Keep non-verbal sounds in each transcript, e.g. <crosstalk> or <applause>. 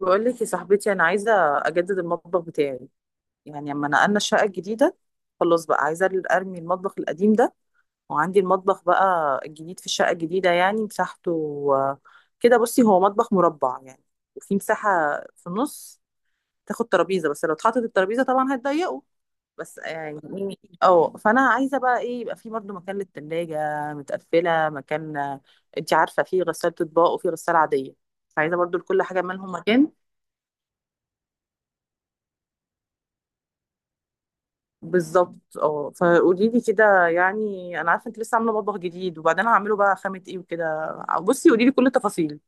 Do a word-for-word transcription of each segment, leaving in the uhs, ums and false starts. بقول لك يا صاحبتي انا عايزه اجدد المطبخ بتاعي. يعني لما نقلنا الشقه الجديده خلاص بقى عايزه ارمي المطبخ القديم ده، وعندي المطبخ بقى الجديد في الشقه الجديده. يعني مساحته آه، كده بصي، هو مطبخ مربع يعني، وفي مساحه في النص تاخد ترابيزه، بس لو اتحطت الترابيزه طبعا هتضيقه. بس يعني إيه، اه، فانا عايزه بقى ايه؟ يبقى في برضه مكان للتلاجة متقفله، مكان آه، انت عارفه، في غساله اطباق وفي غساله عاديه، عايزه برضو لكل حاجه مالهم مكان. بالظبط اه. فقولي لي كده، يعني انا عارفه انت لسه عامله مطبخ جديد، وبعدين هعمله بقى خامه ايه وكده. بصي قولي لي كل التفاصيل.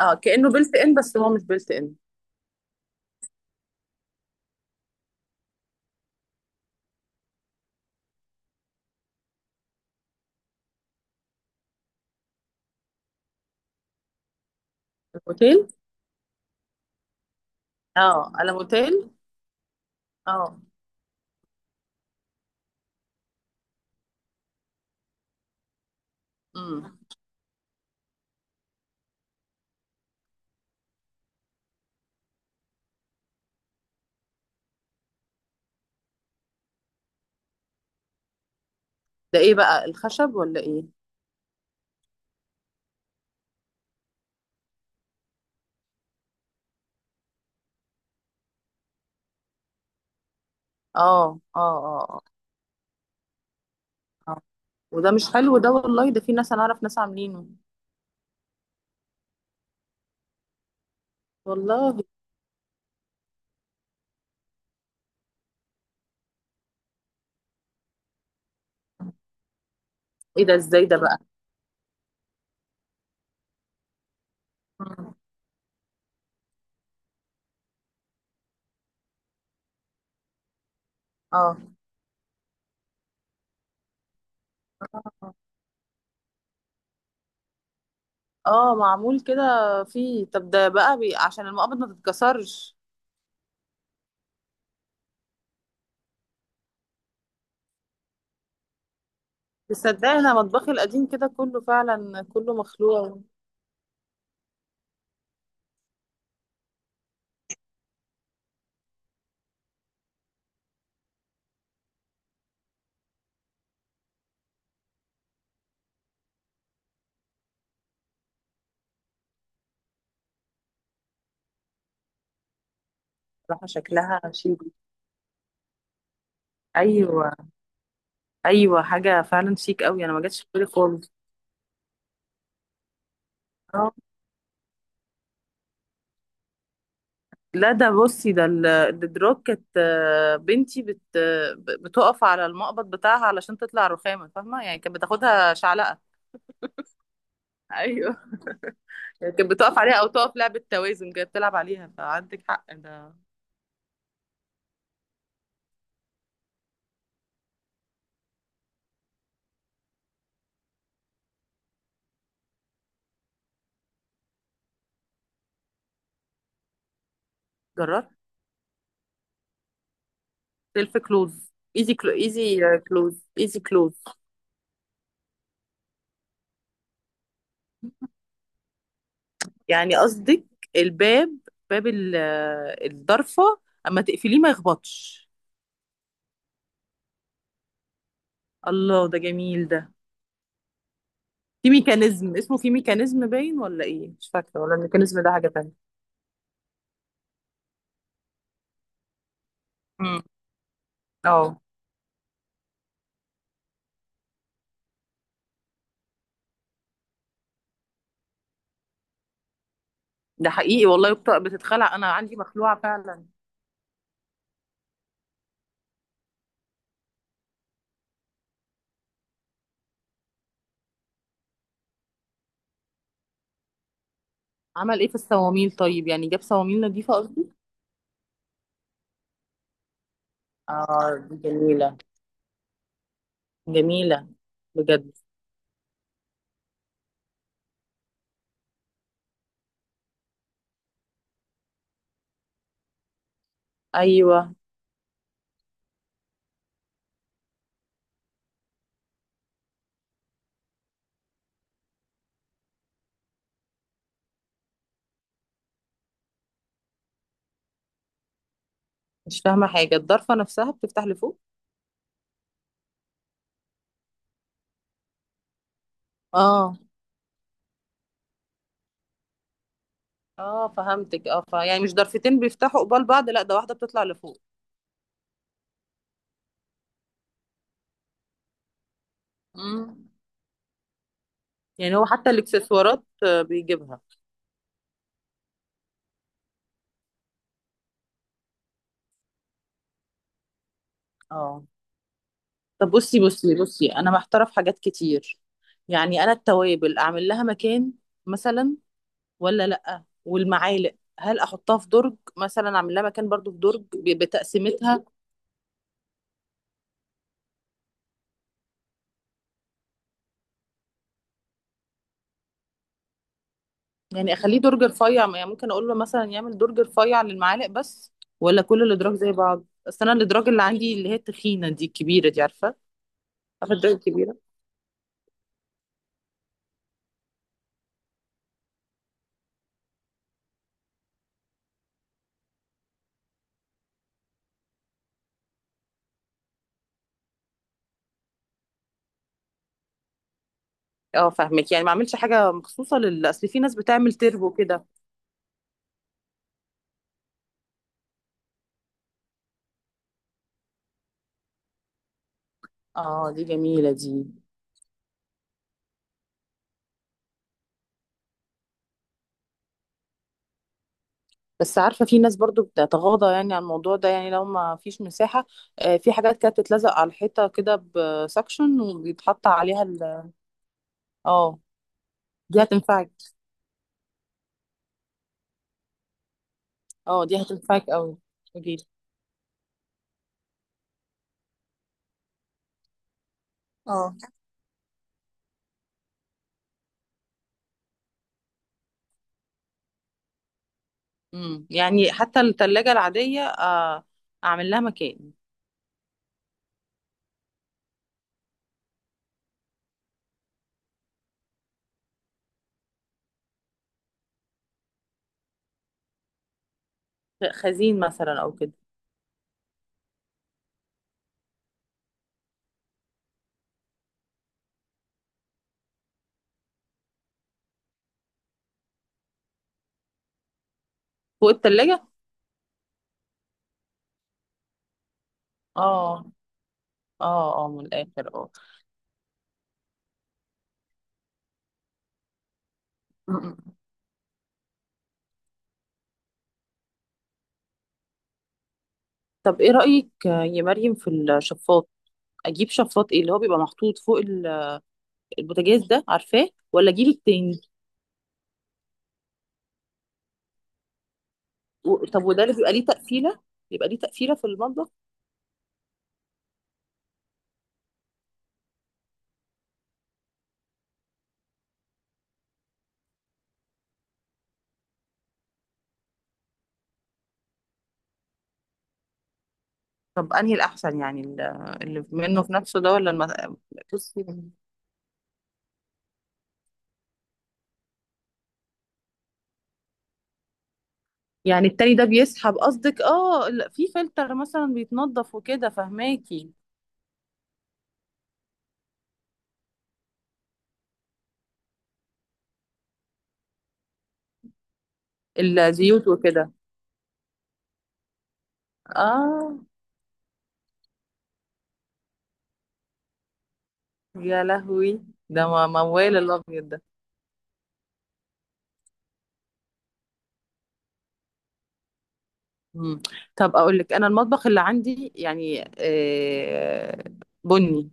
اه، كانه بيلت ان، بس هو مش بيلت ان. الموتيل. اه، على موتيل. اه. امم. ده ايه بقى، الخشب ولا ايه؟ اه اه اه. اه آه. وده مش حلو ده والله، ده في ناس، انا اعرف ناس عاملينه. والله. ايه ده؟ ازاي ده بقى؟ مم. اه. اه معمول كده. فيه طب ده بقى بي... عشان المقابض ما تتكسرش. تصدقي انا مطبخي القديم كده كله فعلا كله مخلوع. راح شكلها شيك. ايوه. ايوه حاجه فعلا شيك قوي، انا ما جاتش في بالي خالص. اه. لا ده بصي، ده ال- الدراب كانت، آه، بنتي بت آه، ب- بتقف على المقبض بتاعها علشان تطلع رخامه، فاهمه يعني، كانت بتاخدها شعلقه. ايوه، كانت بتقف عليها او تقف لعبه توازن، كانت بتلعب عليها، فعندك حق ده. جرار. سيلف كلوز. ايزي كلو ايزي كلوز. ايزي كلوز. يعني قصدك الباب، باب ال- الضرفة، اما تقفليه ما يخبطش. الله، ده جميل ده. في ميكانيزم اسمه، في ميكانيزم باين ولا ايه؟ مش فاكرة، ولا الميكانيزم ده حاجة تانية؟ امم. اه. ده حقيقي والله، بت- بتتخلع، انا عندي مخلوعة فعلا. عمل ايه في الصواميل طيب، يعني جاب صواميل نظيفة قصدي؟ اه دي جميلة. جميلة بجد. ايوه. مش فاهمة حاجة، الضرفة نفسها بتفتح لفوق؟ اه اه فهمتك. اه، ف... يعني مش ضرفتين بيفتحوا قبال بعض، لا ده واحدة بتطلع لفوق. امم. يعني هو حتى الاكسسوارات آه، بيجيبها؟ اه. طب بصي بصي بصي، انا محتاره في حاجات كتير. يعني انا التوابل اعمل لها مكان مثلا، ولا لا؟ والمعالق هل احطها في درج مثلا، اعمل لها مكان برضو في درج ب- بتقسيمتها؟ يعني اخليه درج رفيع، يعني ممكن اقول له مثلا يعمل درج رفيع للمعالق بس، ولا كل الادراج زي بعض؟ اصل انا الادراج اللي عندي اللي هي التخينه دي الكبيره دي، عارفه؟ عارفه الادراج. اه فاهمك. يعني ما اعملش حاجه مخصوصه لل، اصل في ناس بتعمل تربو كده. اه دي جميله دي. بس عارفه، في ناس برضو بتتغاضى يعني عن الموضوع ده، يعني لو ما فيش مساحه. آه، في حاجات كانت تتلزق على الحيطه كده بسكشن وبيتحط عليها ال. اه دي هتنفعك. اه دي هتنفعك قوي. قوليلي. اه. امم. يعني حتى التلاجة العادية آه، أعمل لها مكان؟ خزين مثلا أو كده. فوق التلاجة. اه اه اه من الآخر. اه. طب ايه رأيك يا مريم في الشفاط؟ اجيب شفاط ايه اللي هو بيبقى محطوط فوق ال- البوتاجاز ده، عارفاه، ولا اجيب التاني؟ و- طب وده اللي بيبقى ليه تقفيلة، بيبقى ليه تقفيلة في المطبخ؟ طب انهي الاحسن، يعني ال- اللي منه في نفسه ده ولا الم... بصي. يعني التاني ده بيسحب قصدك، اه ال- في فلتر مثلا بيتنضف وكده، فهماكي؟ الزيوت وكده. اه. يا لهوي. ده م- موال الابيض ده. مم. طب اقول لك، انا المطبخ اللي عندي يعني آه، بني.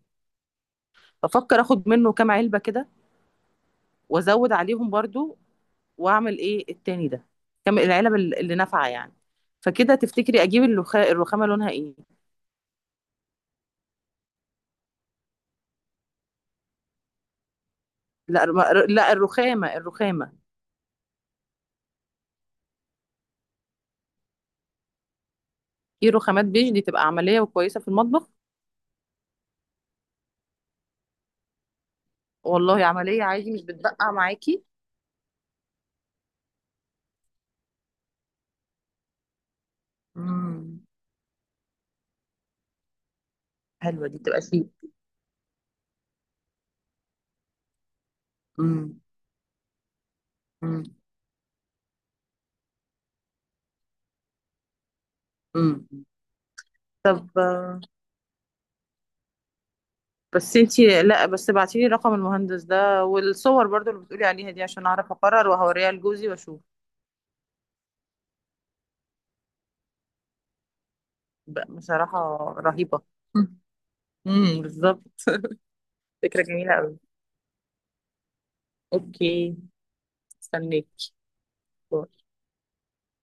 بفكر اخد منه كام علبه كده وازود عليهم برضو، واعمل ايه التاني ده؟ كام العلب اللي اللي نافعه يعني؟ فكده تفتكري اجيب الرخا... الرخامه لونها ايه؟ لا الرم- لا الرخامه، الرخامه. في رخامات بيج دي تبقى عمليه وكويسه في المطبخ؟ والله عمليه عادي، مش بتبقع معاكي؟ امم. حلوه دي، تبقى شيك. امم. امم. طب بس انتي لا، بس ابعتيلي رقم المهندس ده والصور برضو اللي بتقولي عليها دي، عشان اعرف اقرر وهوريها لجوزي واشوف. ب- بصراحة رهيبة. امم بالظبط. <laughs> فكرة جميلة قوي. اوكي. استنيك.